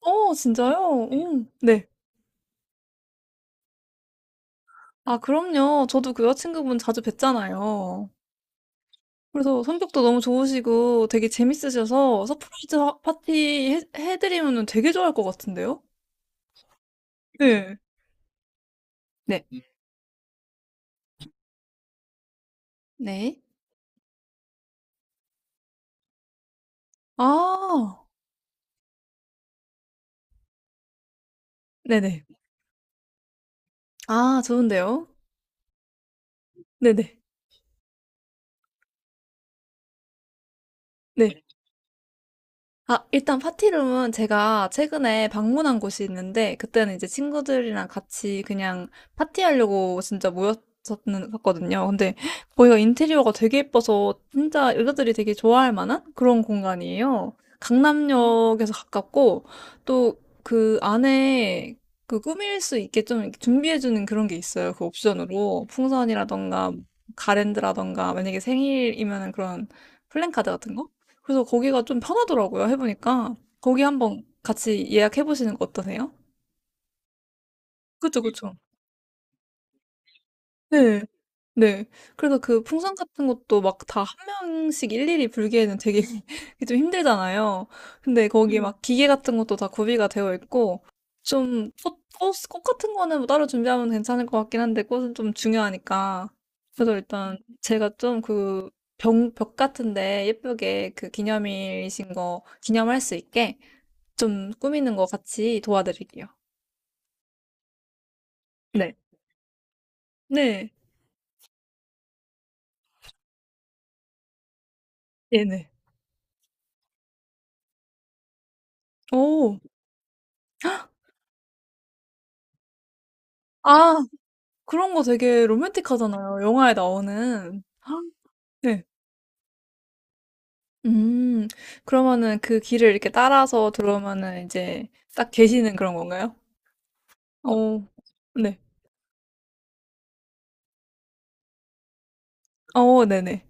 어 진짜요? 네. 오 네. 아 그럼요. 저도 그 여자친구분 자주 뵀잖아요. 그래서 성격도 너무 좋으시고 되게 재밌으셔서 서프라이즈 하 파티 해 드리면은 되게 좋아할 것 같은데요? 네. 네. 음. 네. 아. 네네. 아 좋은데요. 네네. 네. 아, 일단 파티룸은 제가 최근에 방문한 곳이 있는데, 그때는 이제 친구들이랑 같이 그냥 파티하려고 진짜 모였었거든요. 근데 거기가 인테리어가 되게 예뻐서 진짜 여자들이 되게 좋아할 만한 그런 공간이에요. 강남역에서 가깝고, 또 그 안에 그 꾸밀 수 있게 좀 이렇게 준비해주는 그런 게 있어요. 그 옵션으로. 풍선이라던가, 가랜드라던가, 만약에 생일이면은 그런 플랜카드 같은 거? 그래서 거기가 좀 편하더라고요, 해보니까. 거기 한번 같이 예약해보시는 거 어떠세요? 그쵸, 그쵸. 네. 네. 그래서 그 풍선 같은 것도 막 다 한 명씩 일일이 불기에는 되게 좀 힘들잖아요. 근데 거기 막 기계 같은 것도 다 구비가 되어 있고, 좀 꽃 같은 거는 뭐 따로 준비하면 괜찮을 것 같긴 한데, 꽃은 좀 중요하니까. 그래서 일단 제가 좀 그 벽 같은데 예쁘게 그 기념일이신 거 기념할 수 있게 좀 꾸미는 거 같이 도와드릴게요. 네. 네. 네네. 오. 아 그런 거 되게 로맨틱하잖아요, 영화에 나오는. 네. 음. 그러면은 그 길을 이렇게 따라서 들어오면은 이제 딱 계시는 그런 건가요? 어. 어. 네. 어 네네.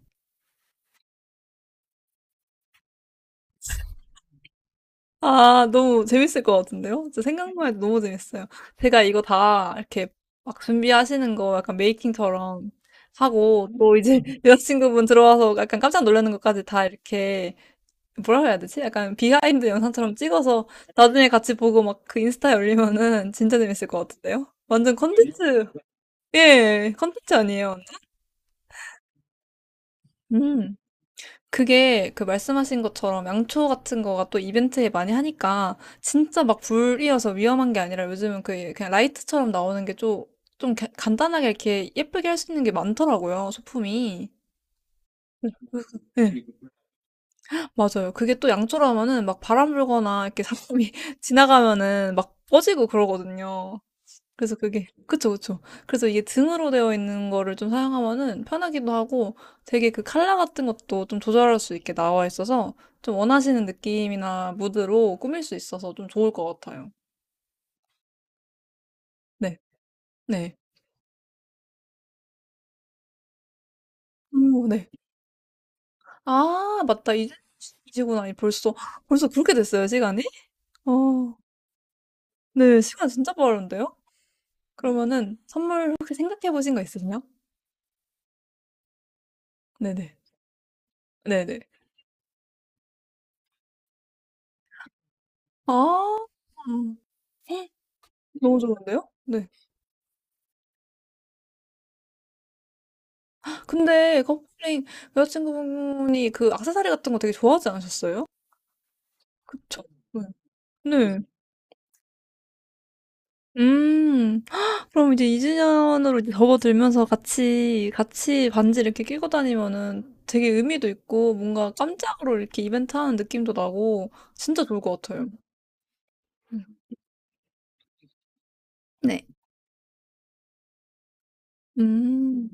아, 너무 재밌을 것 같은데요? 진짜 생각만 해도 너무 재밌어요. 제가 이거 다 이렇게 막 준비하시는 거 약간 메이킹처럼 하고, 또 이제 여자친구분 들어와서 약간 깜짝 놀라는 것까지 다 이렇게, 뭐라고 해야 되지? 약간 비하인드 영상처럼 찍어서 나중에 같이 보고 막 그 인스타에 올리면은 진짜 재밌을 것 같은데요? 완전 컨텐츠, 예, 컨텐츠 아니에요. 음. 그게 그 말씀하신 것처럼 양초 같은 거가 또 이벤트에 많이 하니까 진짜 막 불이어서 위험한 게 아니라 요즘은 그 그냥 라이트처럼 나오는 게 좀, 좀 간단하게 이렇게 예쁘게 할 수 있는 게 많더라고요, 소품이. 네, 맞아요. 그게 또 양초라면은 막 바람 불거나 이렇게 사람이 지나가면은 막 꺼지고 그러거든요. 그래서 그게 그쵸, 그쵸. 그래서 이게 등으로 되어 있는 거를 좀 사용하면은 편하기도 하고 되게 그 컬러 같은 것도 좀 조절할 수 있게 나와 있어서 좀 원하시는 느낌이나 무드로 꾸밀 수 있어서 좀 좋을 것 같아요. 네. 네. 오 네. 아 맞다. 이제 이 시구나. 이 벌써 벌써 그렇게 됐어요, 시간이? 어. 네. 시간 진짜 빠른데요? 그러면은 선물 혹시 생각해 보신 거 있으세요? 네네. 네네. 아. 음. 헉, 너무 좋은데요? 네. 근데 컴플레인 여자친구분이 그 액세서리 같은 거 되게 좋아하지 않으셨어요? 그쵸? 네. 네. 음. 그럼 이제 2주년으로 이제 접어들면서 같이 반지 이렇게 끼고 다니면은 되게 의미도 있고 뭔가 깜짝으로 이렇게 이벤트 하는 느낌도 나고 진짜 좋을 것 같아요. 음. 네. 음.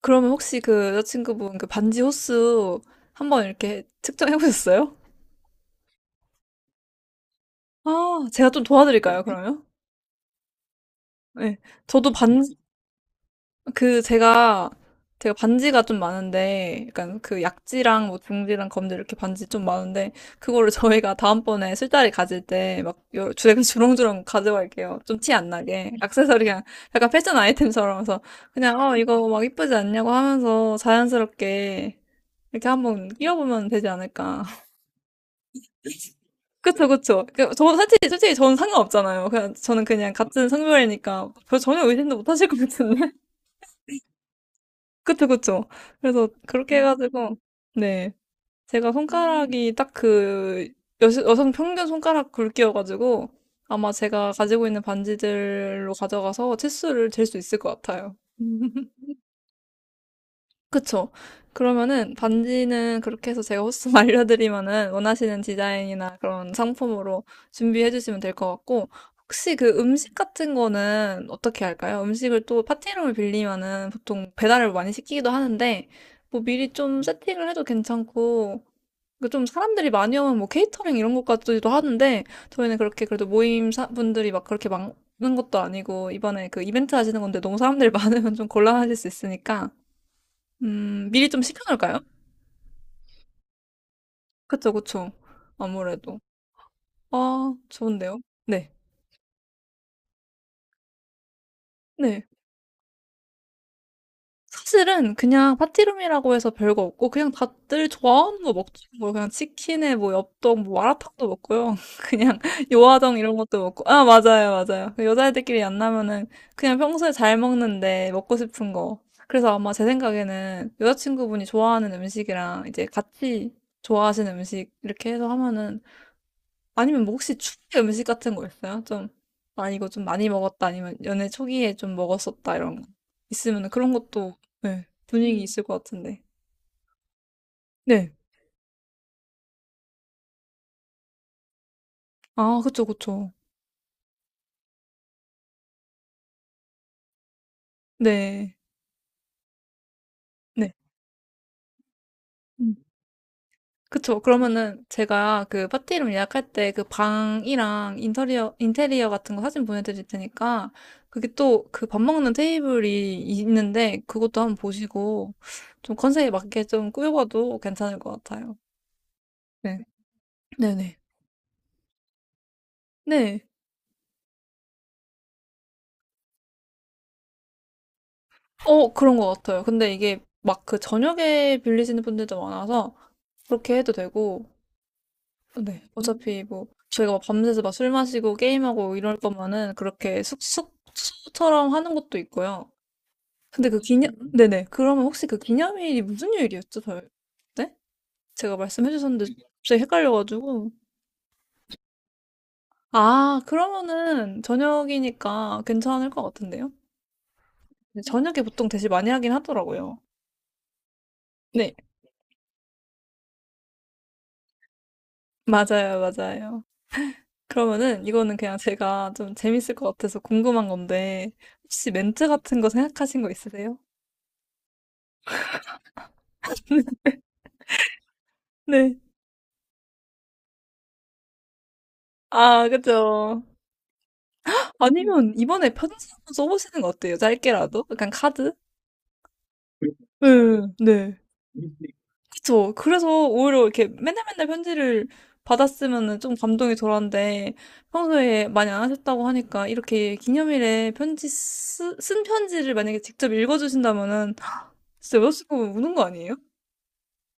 그러면 혹시 그 여자친구분 그 반지 호수 한번 이렇게 측정해 보셨어요? 아, 제가 좀 도와드릴까요, 그러면? 네. 저도 반, 그 제가 반지가 좀 많은데 약간 그 약지랑 뭐 중지랑 검지 이렇게 반지 좀 많은데 그거를 저희가 다음번에 술자리 가질 때 막 주렁주렁 가져갈게요. 좀 티 안 나게. 액세서리 그냥 약간 패션 아이템처럼 해서 그냥 어 이거 막 이쁘지 않냐고 하면서 자연스럽게 이렇게 한번 끼워보면 되지 않을까. 그쵸 그쵸. 그, 저 솔직히 저는 상관없잖아요. 그냥 저는 그냥 같은 성별이니까 별 전혀 의심도 못 하실 것 같은데. 그쵸, 그쵸. 그래서 그렇게 해가지고, 네. 제가 손가락이 딱 그, 여, 여성 평균 손가락 굵기여가지고, 아마 제가 가지고 있는 반지들로 가져가서 치수를 잴 수 있을 것 같아요. 그쵸. 그러면은 반지는 그렇게 해서 제가 호스만 알려드리면은 원하시는 디자인이나 그런 상품으로 준비해 주시면 될 것 같고, 혹시 그 음식 같은 거는 어떻게 할까요? 음식을 또 파티룸을 빌리면은 보통 배달을 많이 시키기도 하는데, 뭐 미리 좀 세팅을 해도 괜찮고, 그좀 사람들이 많이 오면 뭐 케이터링 이런 것까지도 하는데, 저희는 그렇게 그래도 모임 분들이 막 그렇게 많은 것도 아니고, 이번에 그 이벤트 하시는 건데 너무 사람들이 많으면 좀 곤란하실 수 있으니까, 미리 좀 시켜놓을까요? 그쵸, 그쵸. 아무래도. 아, 좋은데요? 네. 네. 사실은 그냥 파티룸이라고 해서 별거 없고, 그냥 다들 좋아하는 거 먹죠. 뭐, 그냥 치킨에 뭐, 엽떡, 뭐, 마라탕도 먹고요. 그냥 요화정 이런 것도 먹고. 아, 맞아요, 맞아요. 그 여자애들끼리 만나면은 그냥 평소에 잘 먹는데 먹고 싶은 거. 그래서 아마 제 생각에는 여자친구분이 좋아하는 음식이랑 이제 같이 좋아하시는 음식 이렇게 해서 하면은 아니면 뭐 혹시 추억의 음식 같은 거 있어요? 좀, 아, 이거 좀 많이 먹었다, 아니면 연애 초기에 좀 먹었었다, 이런 거. 있으면 그런 것도, 네, 분위기 있을 것 같은데. 네. 아, 그쵸, 그쵸. 네. 네. 음. 그쵸. 그러면은 제가 그 파티 이름 예약할 때 그 방이랑 인테리어 같은 거 사진 보내드릴 테니까 그게 또 그 밥 먹는 테이블이 있는데 그것도 한번 보시고 좀 컨셉에 맞게 좀 꾸며봐도 괜찮을 것 같아요. 네. 네네. 네. 어, 그런 것 같아요. 근데 이게 막 그 저녁에 빌리시는 분들도 많아서 그렇게 해도 되고, 네. 어차피 뭐 저희가 막 밤새서 막 술 마시고 게임하고 이럴 거면은 그렇게 숙소처럼 하는 것도 있고요. 근데 그 기념, 네네. 그러면 혹시 그 기념일이 무슨 요일이었죠? 저, 네? 제가 말씀해 주셨는데 갑자기 헷갈려가지고. 아, 그러면은 저녁이니까 괜찮을 것 같은데요? 근데 저녁에 보통 대신 많이 하긴 하더라고요. 네. 맞아요, 맞아요. 그러면은 이거는 그냥 제가 좀 재밌을 것 같아서 궁금한 건데 혹시 멘트 같은 거 생각하신 거 있으세요? 네. 아, 그죠. 아니면 이번에 편지 한번 써보시는 거 어때요? 짧게라도? 약간 카드? 네, 네. 그쵸. 그래서 오히려 이렇게 맨날 맨날 편지를 받았으면은 좀 감동이 덜한데 평소에 많이 안 하셨다고 하니까 이렇게 기념일에 편지 쓴 편지를 만약에 직접 읽어주신다면은 진짜 여자친구 우는 거 아니에요?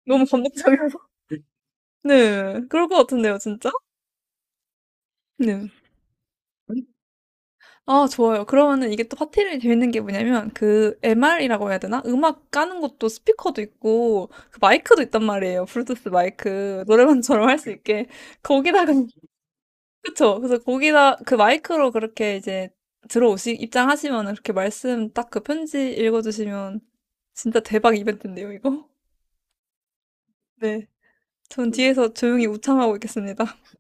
너무 감동적이어서. 네. 그럴 것 같은데요, 진짜? 네. 아, 좋아요. 그러면은 이게 또 파티를 재밌는 게 뭐냐면 그 MR이라고 해야 되나? 음악 까는 것도 스피커도 있고 그 마이크도 있단 말이에요. 블루투스 마이크. 노래방처럼 할 수 있게. 거기다가 그쵸? 그래서 거기다 그 마이크로 그렇게 이제 들어오시 입장하시면은 그렇게 말씀 딱 그 편지 읽어주시면 진짜 대박 이벤트인데요, 이거? 네. 전 뒤에서 조용히 우창하고 있겠습니다.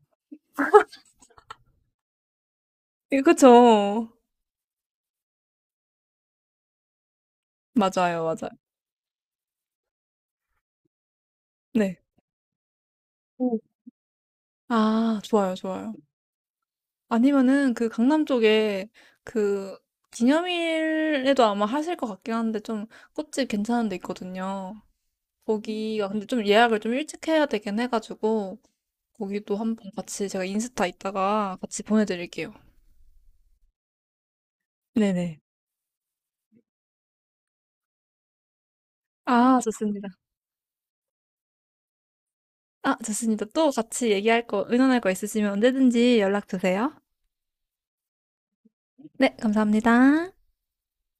예, 그쵸? 맞아요, 맞아요. 네. 아 좋아요, 좋아요. 아니면은 그 강남 쪽에 그 기념일에도 아마 하실 것 같긴 한데 좀 꽃집 괜찮은 데 있거든요. 거기가 근데 좀 예약을 좀 일찍 해야 되긴 해가지고 거기도 한번 같이 제가 인스타 있다가 같이 보내드릴게요. 네네. 아, 좋습니다. 아, 좋습니다. 또 같이 얘기할 거, 의논할 거 있으시면 언제든지 연락 주세요. 네, 감사합니다.